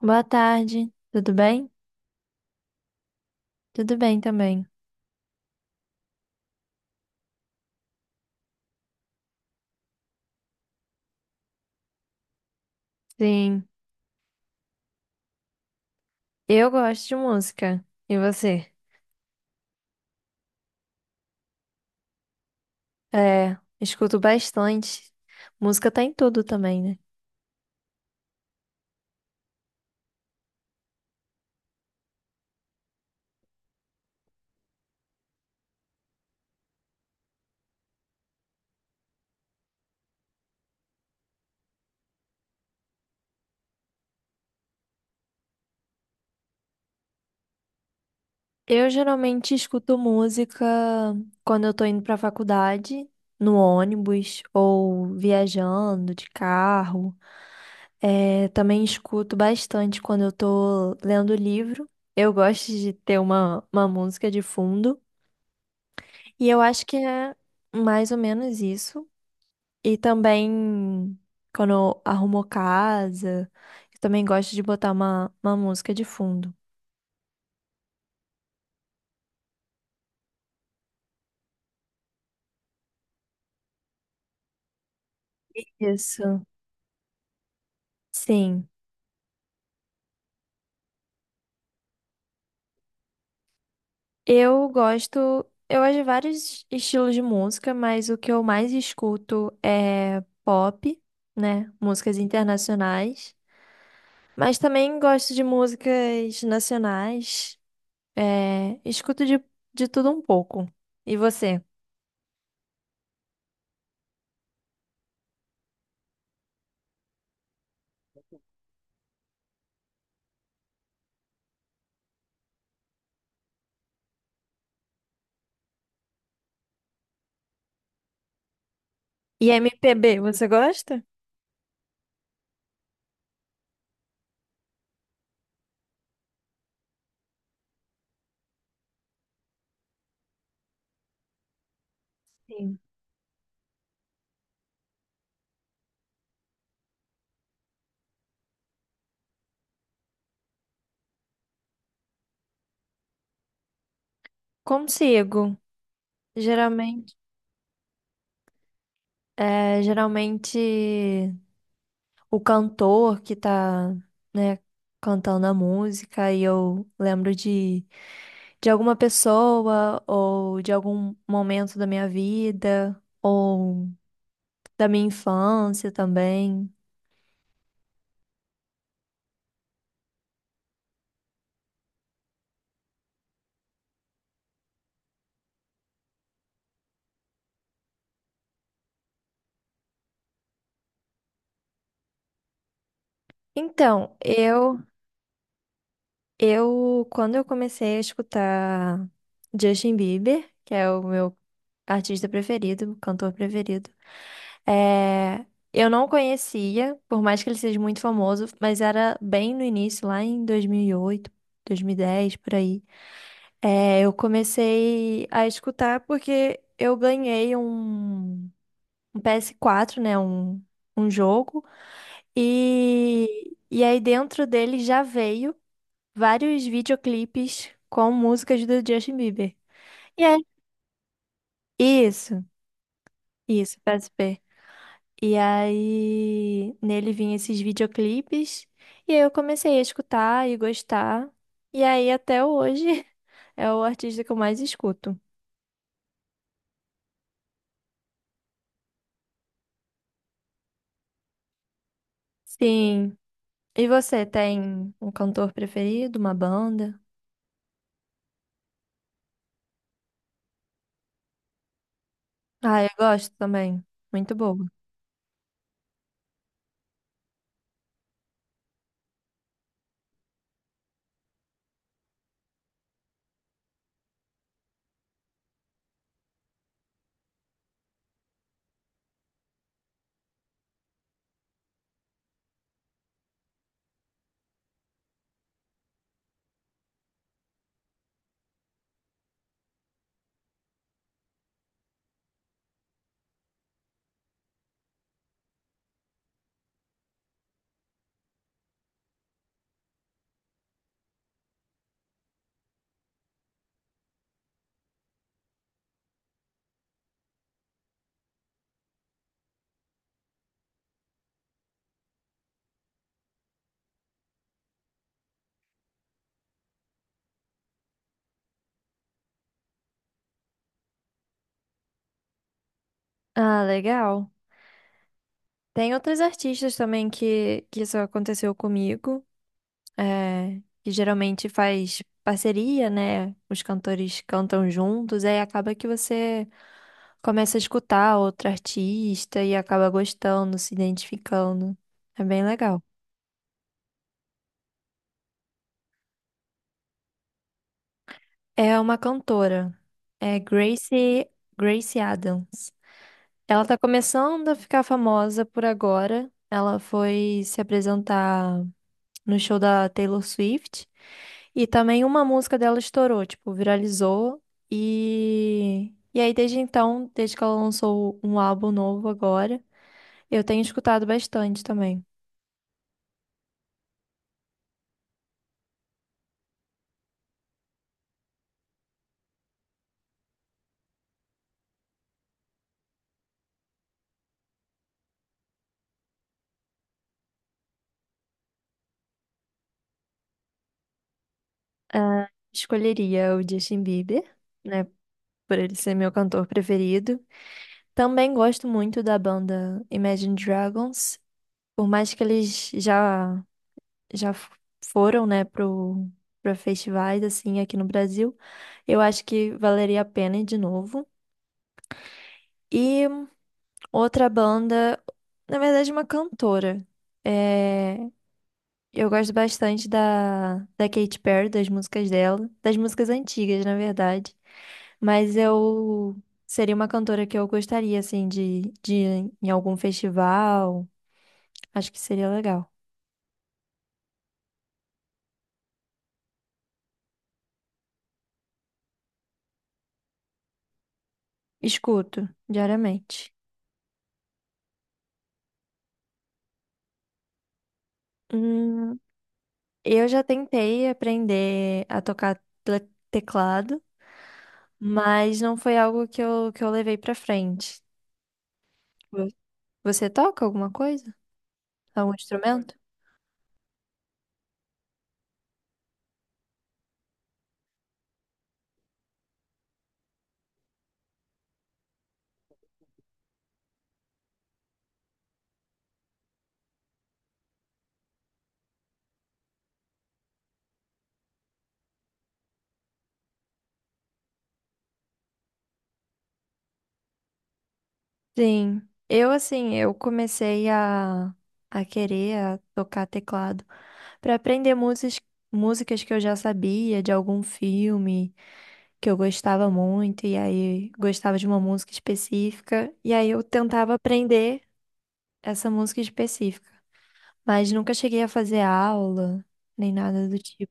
Boa tarde, tudo bem? Tudo bem também. Sim, eu gosto de música. E você? É, escuto bastante. Música tá em tudo também, né? Eu geralmente escuto música quando eu tô indo pra faculdade, no ônibus ou viajando de carro. É, também escuto bastante quando eu tô lendo livro. Eu gosto de ter uma música de fundo. E eu acho que é mais ou menos isso. E também, quando eu arrumo casa, eu também gosto de botar uma música de fundo. Isso. Sim. Eu gosto. Eu gosto de vários estilos de música, mas o que eu mais escuto é pop, né? Músicas internacionais. Mas também gosto de músicas nacionais. É, escuto de tudo um pouco. E você? E MPB, você gosta? Sim. Consigo. Geralmente. É, geralmente o cantor que tá, né, cantando a música e eu lembro de alguma pessoa ou de algum momento da minha vida ou da minha infância também. Então, eu quando eu comecei a escutar Justin Bieber, que é o meu artista preferido, cantor preferido. É, eu não conhecia, por mais que ele seja muito famoso, mas era bem no início, lá em dois mil e oito, 2010, por aí. É, eu comecei a escutar porque eu ganhei um PS4, né? Um jogo. E aí dentro dele já veio vários videoclipes com músicas do Justin Bieber. E aí, isso, isso, PSP. E aí nele vinha esses videoclipes. E aí eu comecei a escutar e gostar. E aí até hoje é o artista que eu mais escuto. Sim. E você tem um cantor preferido, uma banda? Ah, eu gosto também. Muito boa. Ah, legal. Tem outros artistas também que isso aconteceu comigo, é, que geralmente faz parceria, né? Os cantores cantam juntos, aí acaba que você começa a escutar outro artista e acaba gostando, se identificando. É bem legal. É uma cantora. É Gracie Adams. Ela tá começando a ficar famosa por agora. Ela foi se apresentar no show da Taylor Swift. E também uma música dela estourou, tipo, viralizou. E aí, desde então, desde que ela lançou um álbum novo agora, eu tenho escutado bastante também. Ah, escolheria o Justin Bieber, né? Por ele ser meu cantor preferido. Também gosto muito da banda Imagine Dragons, por mais que eles já foram, né, pro para festivais assim aqui no Brasil. Eu acho que valeria a pena ir de novo. E outra banda, na verdade, uma cantora. eh, Eu gosto bastante da Katy Perry, das músicas dela, das músicas antigas, na verdade. Mas eu seria uma cantora que eu gostaria, assim, de ir em algum festival. Acho que seria legal. Escuto diariamente. Hum, eu já tentei aprender a tocar teclado, mas não foi algo que eu levei pra frente. Vo- Você toca alguma coisa? Algum instrumento? Sim. Eu, assim, eu comecei a querer a tocar teclado para aprender músicas, músicas que eu já sabia de algum filme que eu gostava muito, e aí gostava de uma música específica, e aí eu tentava aprender essa música específica, mas nunca cheguei a fazer aula, nem nada do tipo.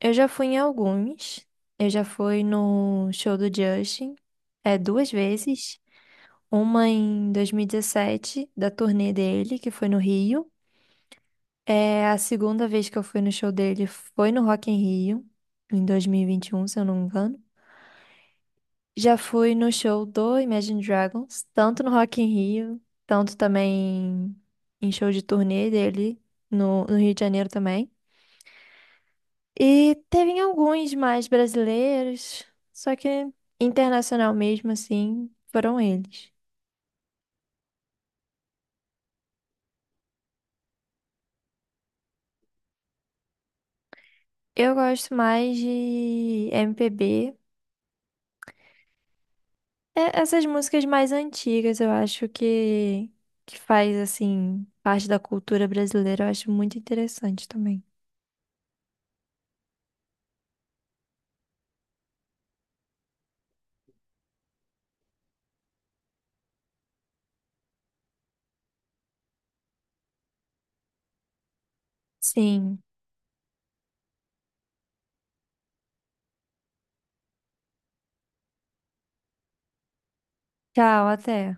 Eu já fui em alguns, eu já fui no show do Justin, é, duas vezes. Uma em 2017, da turnê dele, que foi no Rio. É, a segunda vez que eu fui no show dele foi no Rock in Rio, em dois mil e vinte e um, se eu não me engano. Já fui no show do Imagine Dragons, tanto no Rock in Rio, tanto também em show de turnê dele no Rio de Janeiro também. E teve em alguns mais brasileiros, só que internacional mesmo assim, foram eles. Eu gosto mais de MPB. É, essas músicas mais antigas, eu acho que faz, assim, parte da cultura brasileira, eu acho muito interessante também. Sim. Tchau, até.